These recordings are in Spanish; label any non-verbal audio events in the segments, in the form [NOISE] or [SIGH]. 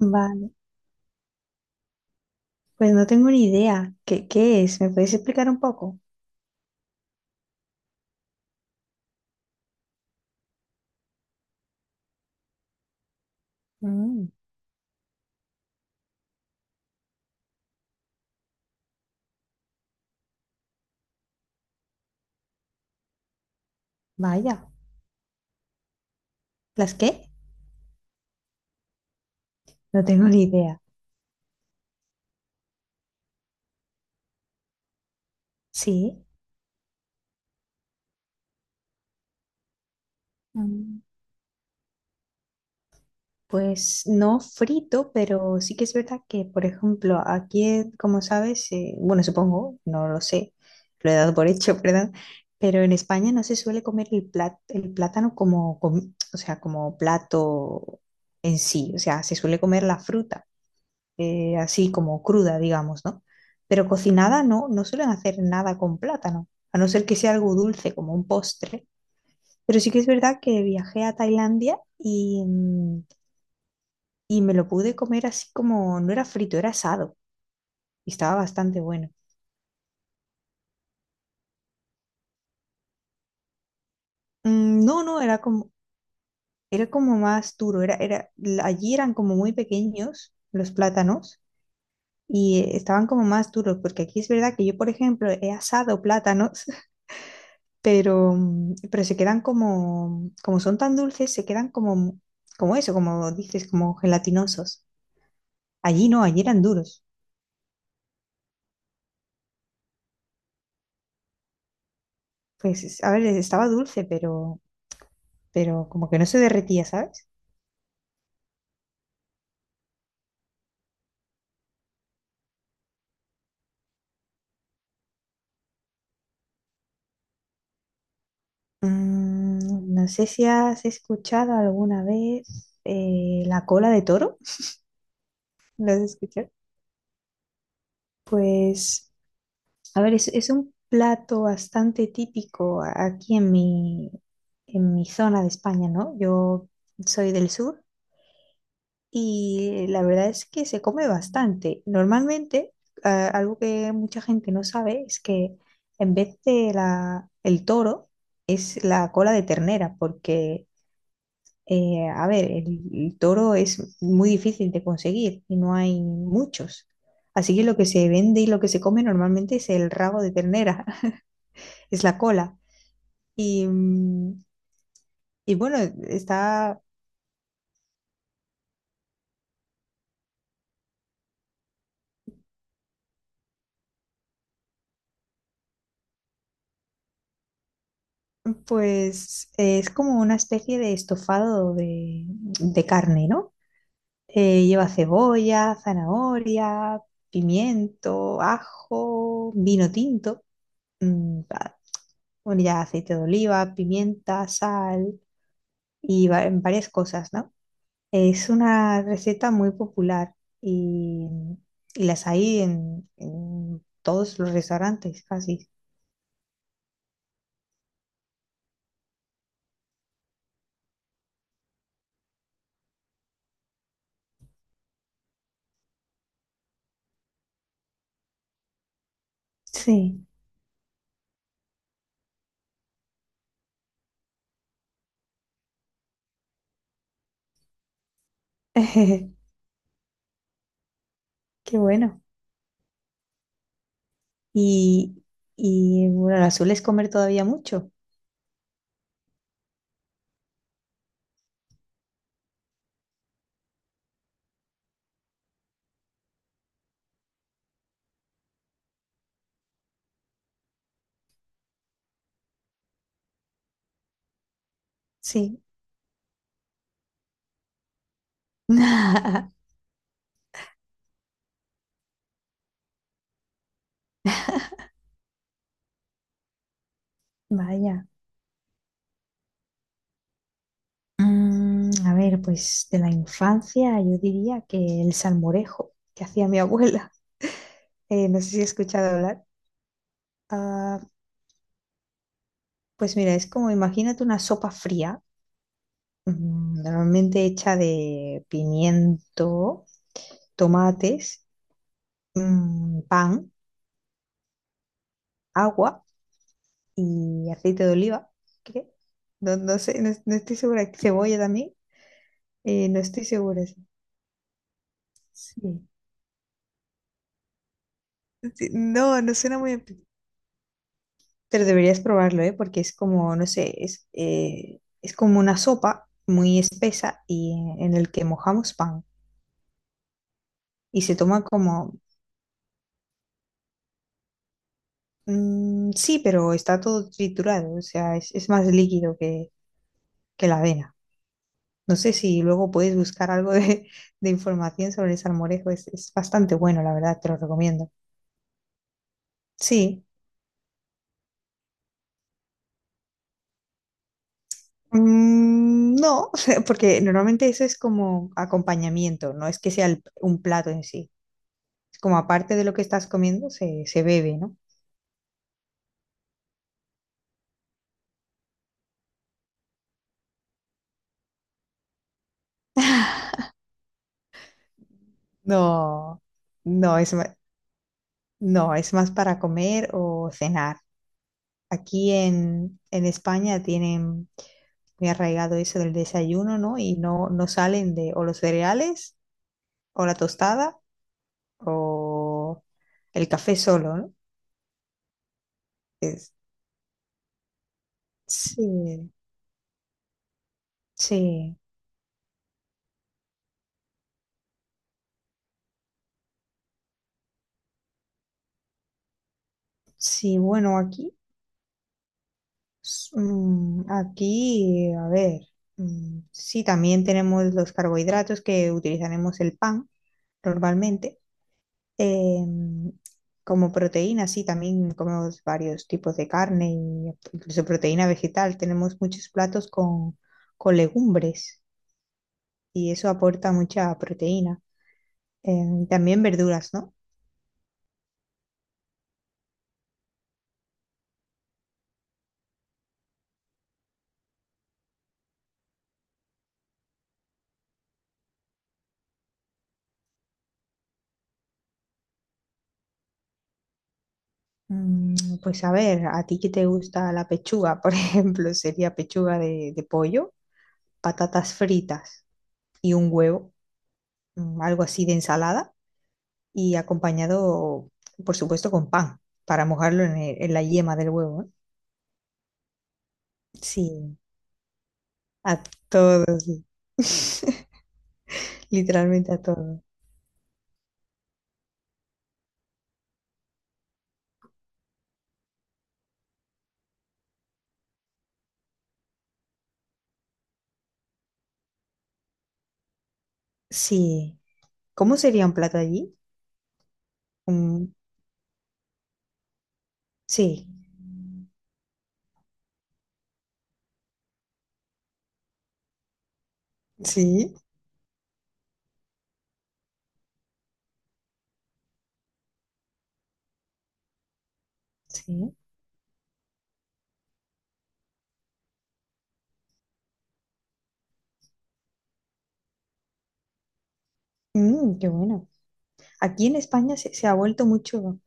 Vale, pues no tengo ni idea. ¿Qué es? ¿Me puedes explicar un poco? Mm, vaya, ¿las qué? No tengo ni idea. Sí, mm, pues no frito, pero sí que es verdad que, por ejemplo, aquí, como sabes, bueno, supongo, no lo sé, lo he dado por hecho, [LAUGHS] ¿verdad? Pero en España no se suele comer el plátano como, o sea, como plato en sí, o sea, se suele comer la fruta. Así como cruda, digamos, ¿no? Pero cocinada no, no suelen hacer nada con plátano, a no ser que sea algo dulce como un postre. Pero sí que es verdad que viajé a Tailandia y, y me lo pude comer así como, no era frito, era asado y estaba bastante bueno. Mm, no, no, era como más duro, allí eran como muy pequeños los plátanos y estaban como más duros, porque aquí es verdad que yo, por ejemplo, he asado plátanos pero, pero se quedan como, como son tan dulces, se quedan como, como eso, como dices, como gelatinosos. Allí no, allí eran duros. Pues, a ver, estaba dulce, pero como que no se derretía, ¿sabes? Mm, no sé si has escuchado alguna vez la cola de toro. ¿Lo has escuchado? Pues, a ver, es un plato bastante típico aquí en mi zona de España, ¿no? Yo soy del sur y la verdad es que se come bastante. Normalmente, ah, algo que mucha gente no sabe es que en vez de el toro, es la cola de ternera, porque, a ver, el toro es muy difícil de conseguir y no hay muchos. Así que lo que se vende y lo que se come normalmente es el rabo de ternera, [LAUGHS] es la cola. Y, y bueno, está. Pues es como una especie de estofado de carne, ¿no? Lleva cebolla, zanahoria, pimiento, ajo, vino tinto, mm, bueno, ya aceite de oliva, pimienta, sal y en varias cosas, ¿no? Es una receta muy popular y, y las hay en todos los restaurantes, casi. Sí, [LAUGHS] qué bueno. Y, y bueno, ¿la sueles comer todavía mucho? Sí. [LAUGHS] Vaya. Mm, a ver, pues de la infancia yo diría que el salmorejo que hacía mi abuela. [LAUGHS] No sé si has escuchado hablar. Ah, pues mira, es como imagínate una sopa fría, mm, normalmente hecha de pimiento, tomates, mm, pan, agua y aceite de oliva. ¿Qué? No, no sé, no, no estoy segura. Cebolla también. No estoy segura. Sí. Sí. Sí, no, no suena muy apetitoso. Pero deberías probarlo, ¿eh? Porque es como, no sé, es como una sopa muy espesa y en el que mojamos pan. Y se toma como, mm, sí, pero está todo triturado, o sea, es más líquido que la avena. No sé si luego puedes buscar algo de, [LAUGHS] de información sobre el salmorejo, es bastante bueno, la verdad, te lo recomiendo. Sí. Mm, no, [LAUGHS] porque normalmente eso es como acompañamiento, no es que sea un plato en sí. Es como aparte de lo que estás comiendo, se bebe, ¿no? No, no es, no, es más para comer o cenar. Aquí en España tienen muy arraigado eso del desayuno, ¿no? Y no, no salen de o los cereales o la tostada o el café solo, ¿no? Es- sí, sí, sí, bueno, aquí. Mm, aquí, a ver, mm, sí, también tenemos los carbohidratos que utilizaremos el pan normalmente. Em, como proteína, sí, también comemos varios tipos de carne, y incluso proteína vegetal. Tenemos muchos platos con legumbres y eso aporta mucha proteína. Em, también verduras, ¿no? Mm, pues a ver, ¿a ti qué te gusta la pechuga? [LAUGHS] Por ejemplo, sería pechuga de pollo, patatas fritas y un huevo, mm, algo así de ensalada, y acompañado, por supuesto, con pan para mojarlo en, en la yema del huevo, ¿eh? Sí, a todos, sí, [LAUGHS] literalmente a todos. Sí. ¿Cómo sería un plato allí? Un- sí, sí, sí. Mm, qué bueno. Aquí en España se, se ha vuelto mucho,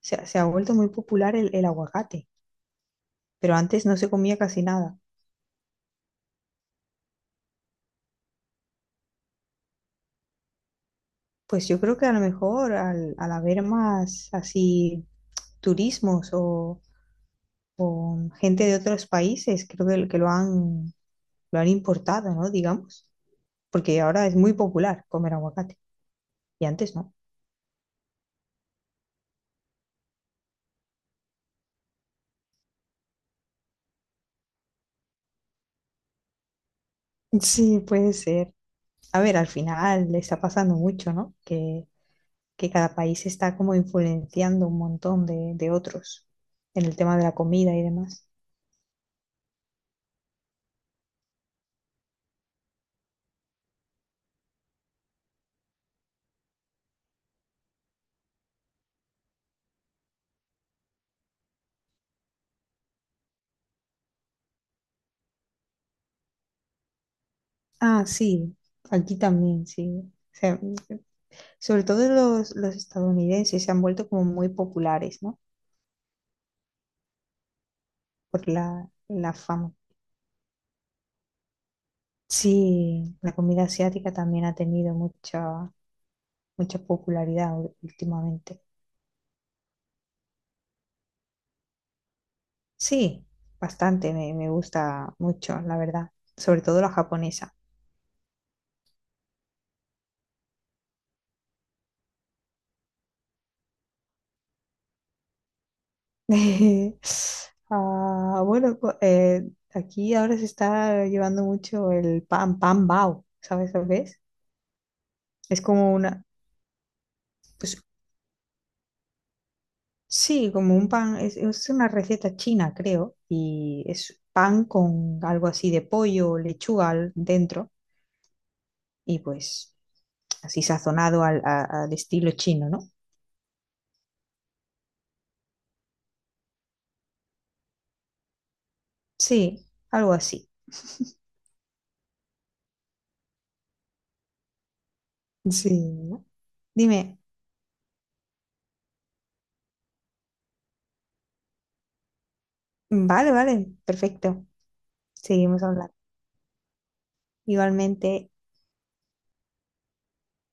se ha vuelto muy popular el aguacate, pero antes no se comía casi nada. Pues yo creo que a lo mejor al, al haber más así turismos o gente de otros países, creo que lo han importado, ¿no? Digamos, porque ahora es muy popular comer aguacate y antes no. Sí, puede ser. A ver, al final le está pasando mucho, ¿no? Que cada país está como influenciando un montón de otros en el tema de la comida y demás. Ah, sí, aquí también, sí. O sea, sobre todo los estadounidenses se han vuelto como muy populares, ¿no? Por la, la fama. Sí, la comida asiática también ha tenido mucha, mucha popularidad últimamente. Sí, bastante, me gusta mucho, la verdad, sobre todo la japonesa. [LAUGHS] Ah, bueno, aquí ahora se está llevando mucho el pan, pan bao, ¿sabes lo que es? Es como una, pues sí, como un pan, es una receta china, creo, y es pan con algo así de pollo o lechuga dentro, y pues... así sazonado al, al estilo chino, ¿no? Sí, algo así. Sí. Dime, vale, vale, perfecto. Seguimos hablando. Igualmente.